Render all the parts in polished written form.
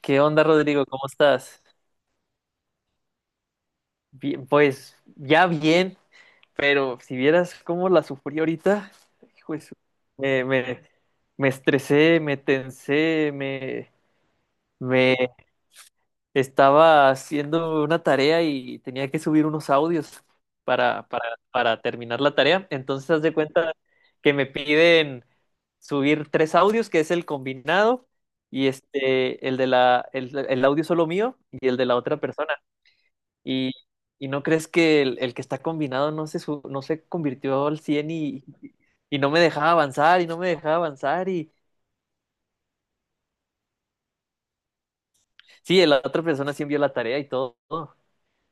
¿Qué onda, Rodrigo? ¿Cómo estás? Bien, pues ya bien, pero si vieras cómo la sufrí ahorita, hijo de su- me, me, me estresé, me tensé, me estaba haciendo una tarea y tenía que subir unos audios para, para, para terminar la tarea. Entonces, haz de cuenta que me piden subir tres audios, que es el combinado, y este, el de la, el audio solo mío y el de la otra persona. ¿Y, y no crees que el que está combinado no se convirtió al cien y no me dejaba avanzar y no me dejaba avanzar? Y sí, la otra persona sí envió la tarea y todo.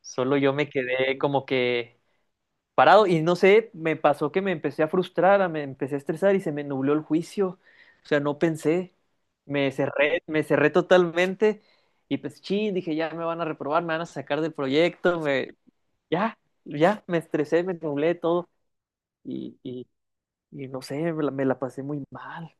Solo yo me quedé como que parado y no sé, me pasó que me empecé a frustrar, me empecé a estresar y se me nubló el juicio. O sea, no pensé. Me cerré totalmente y pues chin, dije, ya me van a reprobar, me van a sacar del proyecto, ya, ya, me estresé, me nublé todo. y Y, Y no sé, me la pasé muy mal.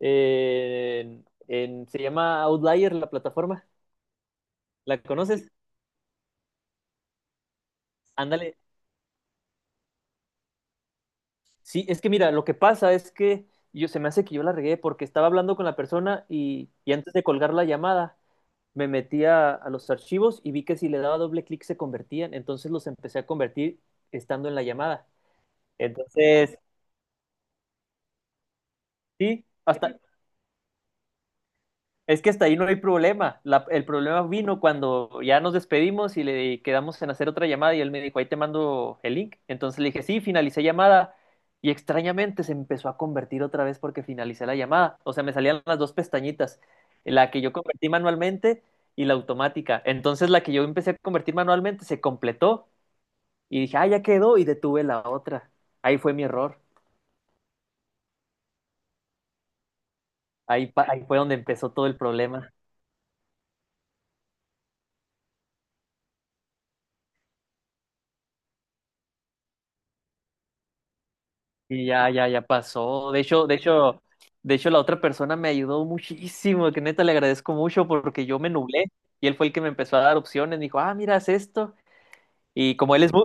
Se llama Outlier la plataforma. ¿La conoces? Ándale. Sí, es que mira, lo que pasa es que yo se me hace que yo la regué porque estaba hablando con la persona y antes de colgar la llamada me metí a los archivos y vi que si le daba doble clic se convertían. Entonces los empecé a convertir estando en la llamada. Entonces, sí, hasta es que hasta ahí no hay problema. El problema vino cuando ya nos despedimos y le quedamos en hacer otra llamada y él me dijo, ahí te mando el link. Entonces le dije, sí, finalicé llamada y extrañamente se empezó a convertir otra vez porque finalicé la llamada. O sea, me salían las dos pestañitas, la que yo convertí manualmente y la automática. Entonces la que yo empecé a convertir manualmente se completó y dije, ah, ya quedó y detuve la otra. Ahí fue mi error. Ahí fue donde empezó todo el problema. Y ya, ya, ya pasó. De hecho, la otra persona me ayudó muchísimo, que neta le agradezco mucho porque yo me nublé y él fue el que me empezó a dar opciones. Me dijo, ah, mira, haz esto. Y como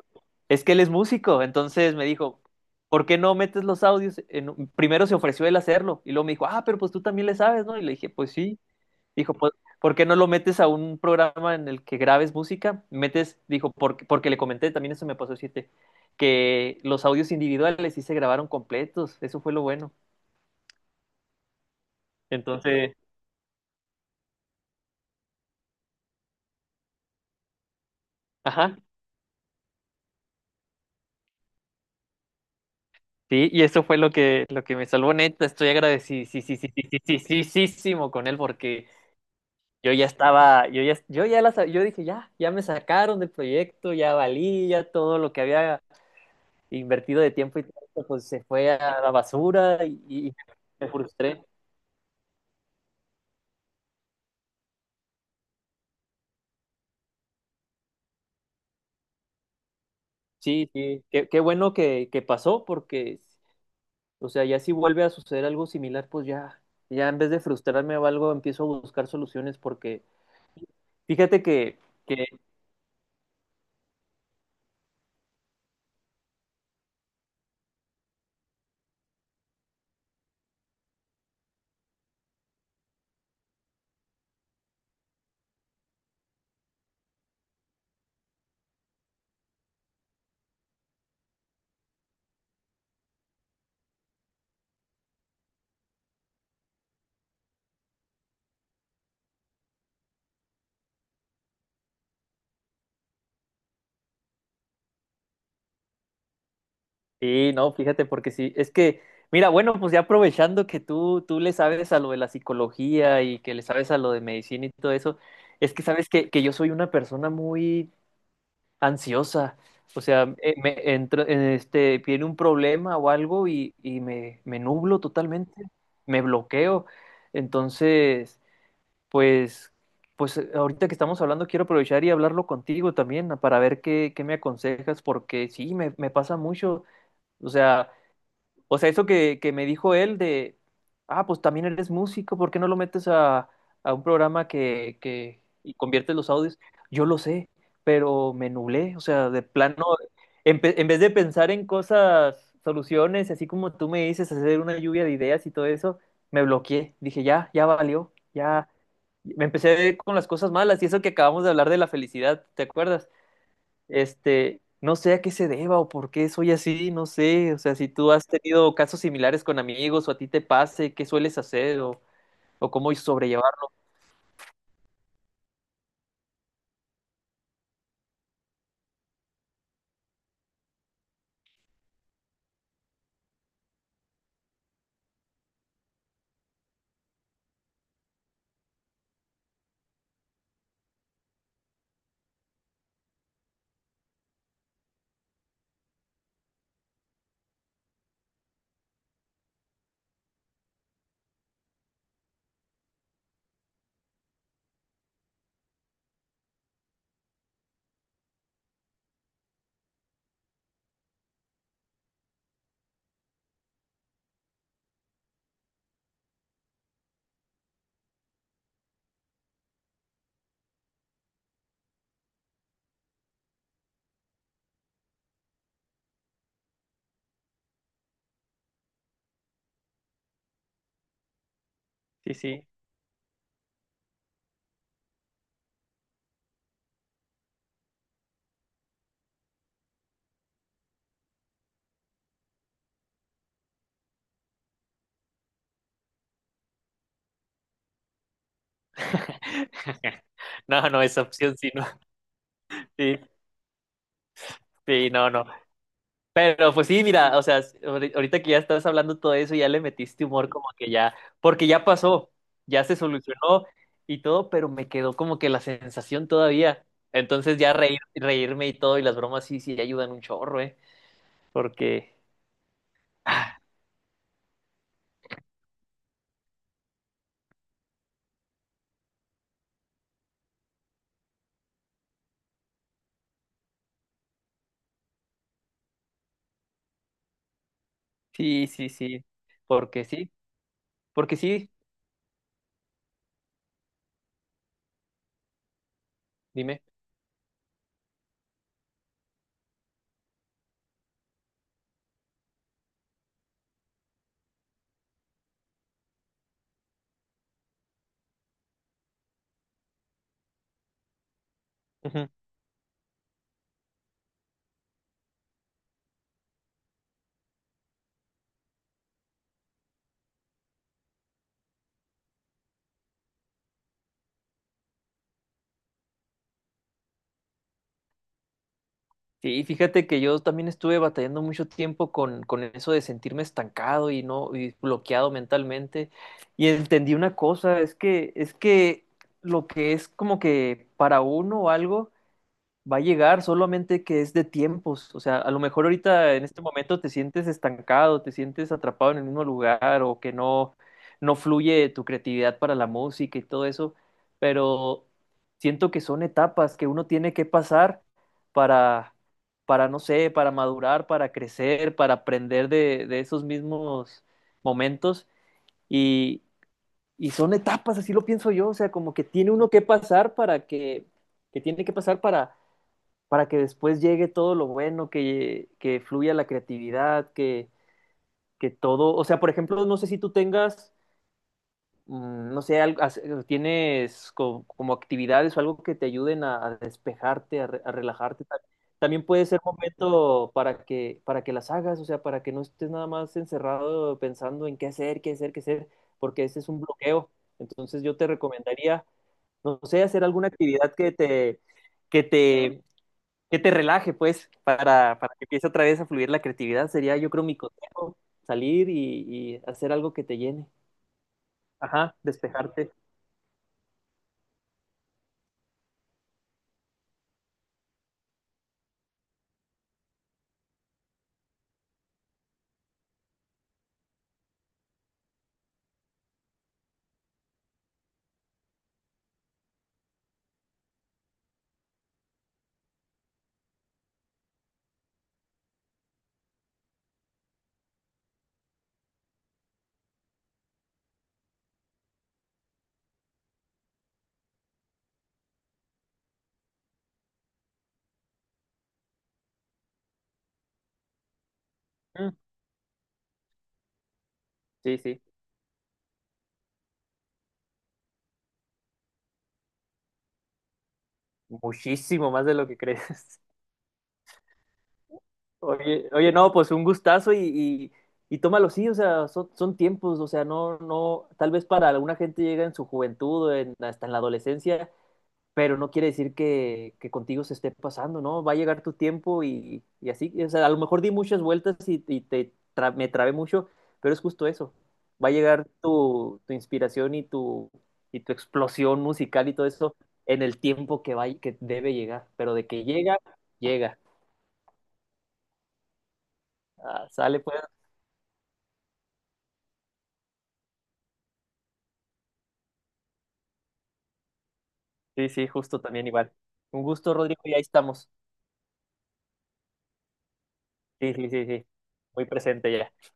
es que él es músico, entonces me dijo, ¿por qué no metes los audios? Primero se ofreció él hacerlo y luego me dijo, ah, pero pues tú tamén le sabes, ¿no? Y le dije, pues sí. Dijo, ¿por qué no lo metes a un programa en el que grabes música? Metes, dijo, porque le comenté, también eso me pasó, siete, que los audios individuales sí se grabaron completos, eso fue lo bueno. Entonces, ajá, sí, y eso fue lo que me salvó, neta, estoy agradecidísimo con él porque yo ya estaba, yo ya, yo ya las, yo dije, ya, ya me sacaron del proyecto, ya valí, ya todo lo que había invertido de tiempo y todo, pues se fue a la basura y me frustré. Sí, sí, qué bueno que pasó porque, o sea, ya si vuelve a suceder algo similar, pues ya, ya en vez de frustrarme o algo, empiezo a buscar soluciones porque, fíjate que, sí, no, fíjate porque sí, es que, mira, bueno, pues ya aprovechando que tú le sabes a lo de la psicología y que le sabes a lo de medicina y todo eso, es que sabes que yo soy una persona muy, ansiosa. O sea, me entra, en este, viene un problema o algo y me nublo totalmente, me bloqueo. Entonces, pues, pues, ahorita que estamos hablando, quiero aprovechar y hablarlo contigo también para ver qué me aconsejas, porque sí, me pasa mucho. O sea, eso que me dijo él de, ah, pues también eres músico, ¿por qué no lo metes a un programa que y conviertes los audios? Yo lo sé, pero me nublé, o sea, de plano, en vez de pensar en cosas, soluciones, así como tú me dices, hacer una lluvia de ideas y todo eso, me bloqueé. Dije, ya, ya valió, ya. Me empecé con las cosas malas y eso que acabamos de hablar de la felicidad, ¿te acuerdas? Este, no sé a qué se deba o por qué soy así, no sé. O sea, si tú has tenido casos similares con amigos o a ti te pase, ¿qué sueles hacer o cómo sobrellevar? Sí, sí. No, no, esa opción sí, no. Sí, sí, no, no. Pero pues sí, mira, o sea, ahorita que ya estás hablando todo eso, ya le metiste humor como que ya, porque ya pasó, ya se solucionó y todo, pero me quedó como que la sensación todavía. Entonces ya reírme y todo y las bromas sí, sí ayudan un chorro, ¿eh? Porque Ah, sí, sí, sí. Porque sí, Porque sí, dime. Ujú. Sí, fíjate que yo también estuve batallando mucho tiempo con eso de sentirme estancado y no y bloqueado mentalmente. Y entendí una cosa, es que lo que es como que para uno algo. Va a llegar, solamente que es de tiempos. O sea, a lo mejor ahorita en este momento te sientes estancado, te sientes atrapado en el mismo lugar o que no, no fluye tu creatividad para la música y todo eso, pero siento que son etapas que uno tiene que pasar para, para no sé, para madurar, para crecer, para aprender de esos mismos momentos y, y son etapas, así lo pienso yo. O sea, como que tiene uno que pasar para que tiene que pasar para que después llegue todo lo bueno, que fluya la creatividad, que todo, o sea, por ejemplo, no sé si tú tengas, no sé, algo, tienes como, actividades o algo que te ayuden a despejarte, a relajarte. También puede ser momento para para que las hagas, o sea, para que no estés nada más encerrado pensando en qué hacer, qué hacer, qué hacer, porque ese es un bloqueo. Entonces yo te recomendaría, no sé, hacer alguna actividad que te, que te relaje, pues, para que empiece otra vez a fluir la creatividad. Sería, yo creo, mi consejo, salir y hacer algo que te llene. Ajá, despejarte. Mm, sí, sí, muchísimo más de lo que crees. Oye, oye, no, pues un gustazo y tómalo, sí, o sea, son, son tiempos, o sea, no, no, tal vez para alguna gente llega en su juventud, hasta en la adolescencia, pero no quiere decir que contigo se esté pasando, ¿no? Va a llegar tu tiempo y así, o sea, a lo mejor di muchas vueltas me trabé mucho, pero es justo eso, va a llegar tu, tu inspiración y tu explosión musical y todo eso en el tiempo que, que debe llegar, pero de que llega, llega. Ah, sale pues. Sí, sí, justo también igual. Un gusto, Rodrigo, y ahí estamos. Sí, sí, sí, sí. Muy presente ya.